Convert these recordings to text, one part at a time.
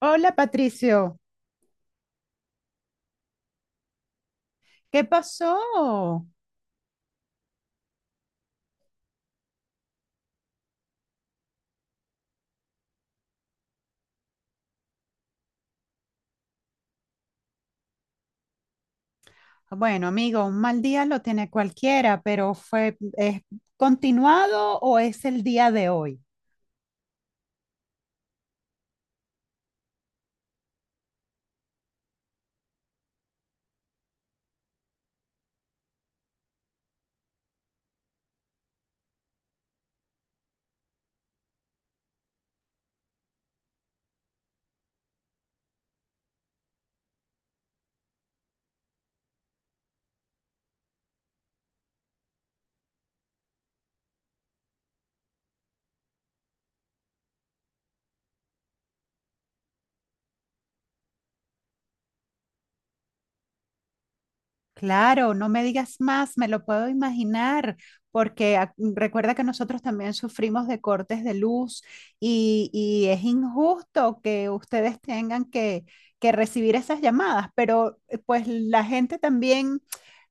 Hola Patricio, ¿qué pasó? Bueno, amigo, un mal día lo tiene cualquiera, pero ¿es continuado o es el día de hoy? Claro, no me digas más, me lo puedo imaginar, porque recuerda que nosotros también sufrimos de cortes de luz y es injusto que ustedes tengan que recibir esas llamadas, pero pues la gente también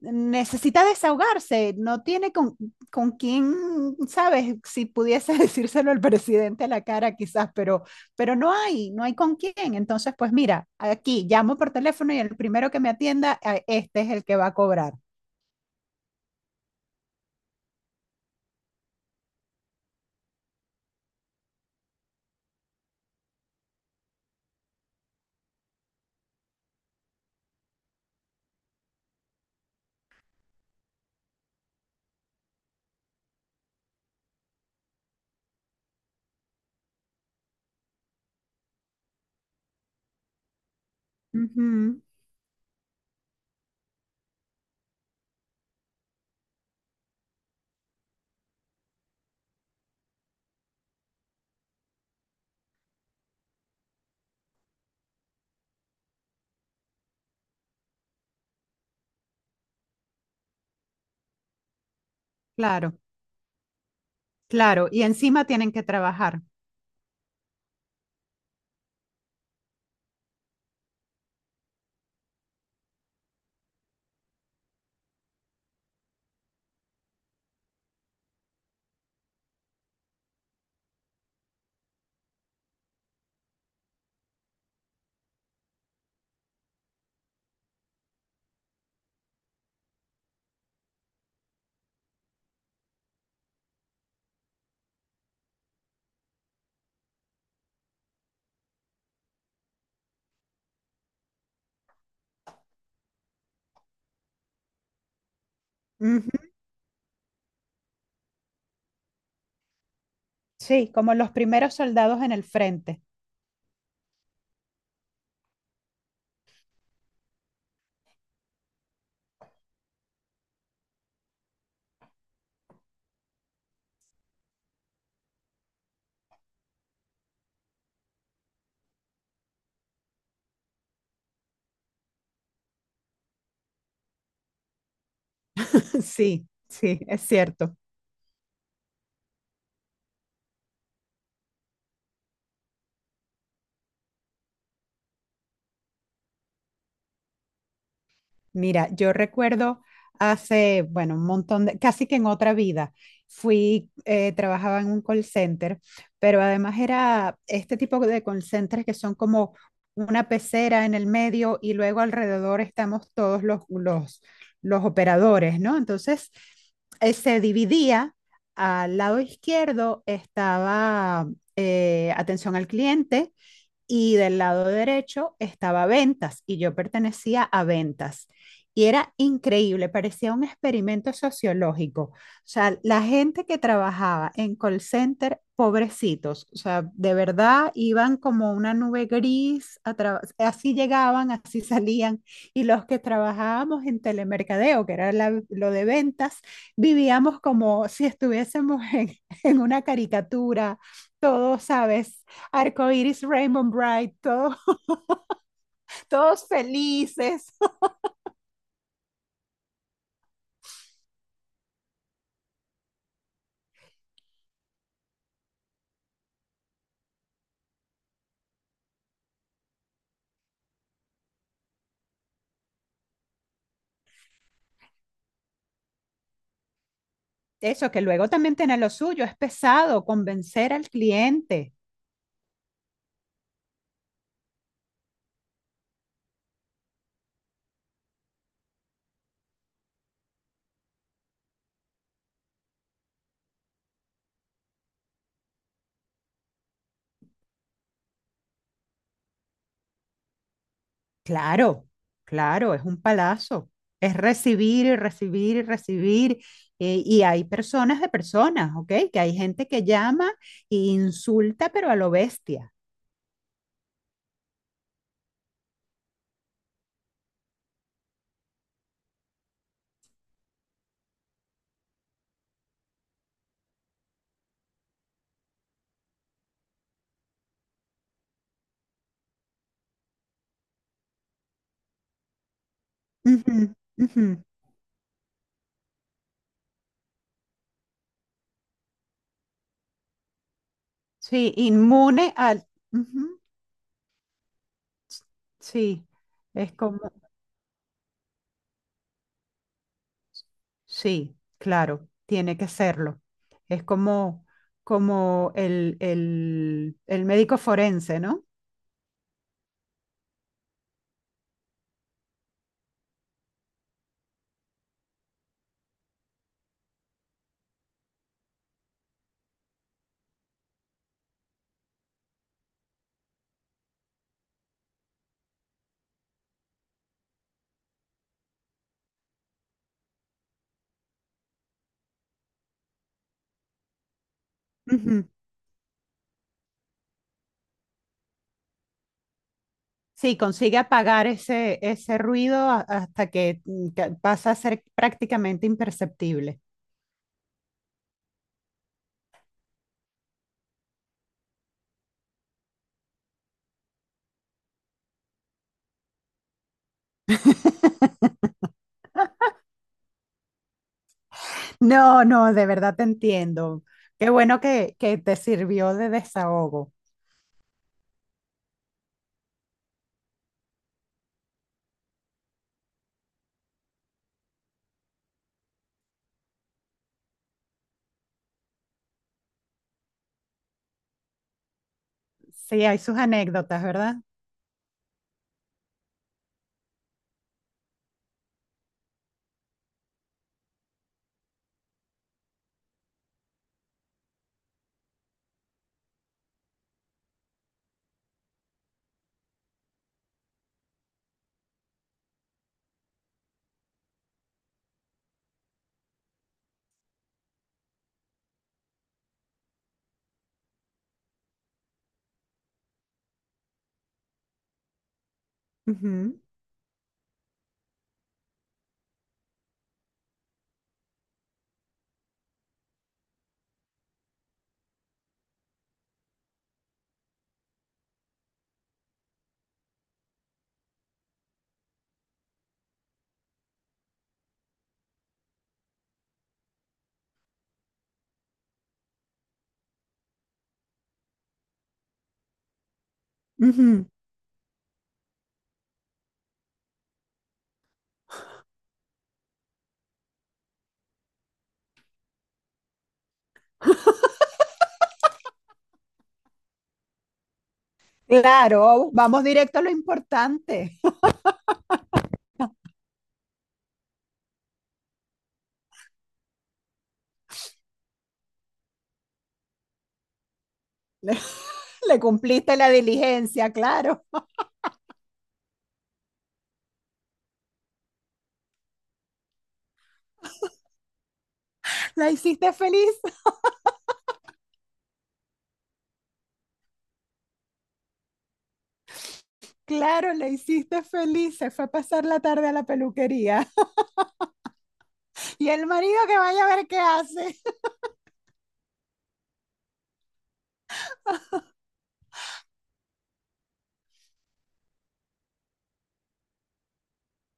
necesita desahogarse, no tiene con quién, sabes, si pudiese decírselo al presidente a la cara quizás, pero, no hay con quién. Entonces, pues mira, aquí llamo por teléfono y el primero que me atienda, este es el que va a cobrar. Ujú, claro, claro. Y encima tienen que trabajar. Ujú, sí, como los primeros soldados en el frente. Sí, sí, es cierto. Mira, yo recuerdo hace, bueno, un montón de, casi que en otra vida, trabajaba en un call center, pero además era este tipo de call centers que son como una pecera en el medio y luego alrededor estamos todos los operadores, ¿no? Entonces, se dividía, al lado izquierdo estaba atención al cliente y del lado derecho estaba ventas y yo pertenecía a ventas. Y era increíble, parecía un experimento sociológico. O sea, la gente que trabajaba en call center, pobrecitos, o sea, de verdad iban como una nube gris, así llegaban, así salían. Y los que trabajábamos en telemercadeo, que era lo de ventas, vivíamos como si estuviésemos en, en una caricatura, todos, ¿sabes? Arcoiris, Rainbow Bright, todo- todos felices. Eso que luego también tiene lo suyo, es pesado convencer al cliente. Claro, claro, es un palazo. Es recibir y recibir y recibir. Y hay personas de personas, ¿ok? Que hay gente que llama e insulta, pero a lo bestia. Ujú, ujú. Sí, inmune al... ujú, sí, es como... Sí, claro, tiene que serlo. Es como, como el médico forense, ¿no? Ujú. Sí, consigue apagar ese ruido hasta que pasa a ser prácticamente imperceptible. No, no, de verdad te entiendo. Qué bueno que te sirvió de desahogo. Sí, hay sus anécdotas, ¿verdad? Ujú, ujú. Claro, vamos directo a lo importante. Le, le cumpliste la diligencia, claro. La hiciste feliz, claro, la hiciste feliz. Se fue a pasar la tarde a la peluquería. Y el marido que vaya a ver qué hace.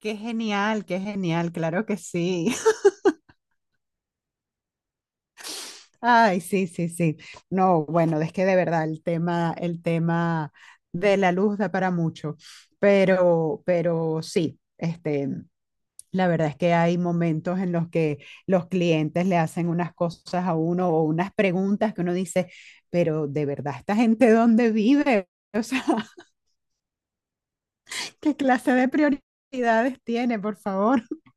Qué genial, claro que sí. Ay, sí, sí, sí. No, bueno, es que de verdad el tema de la luz da para mucho, pero sí, este, la verdad es que hay momentos en los que los clientes le hacen unas cosas a uno o unas preguntas que uno dice, pero de verdad, ¿esta gente dónde vive? O sea, ¿qué clase de prioridades tiene, por favor?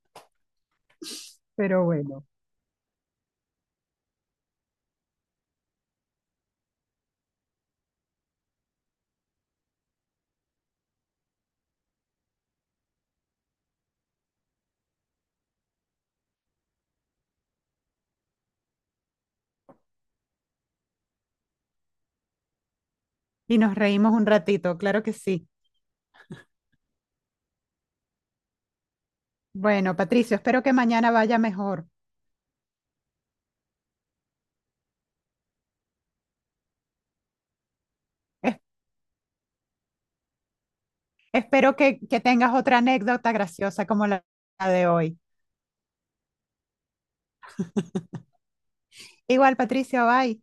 Pero bueno, y nos reímos un ratito, claro que sí. Bueno, Patricio, espero que mañana vaya mejor. Es- Espero que tengas otra anécdota graciosa como la de hoy. Igual, Patricio, bye.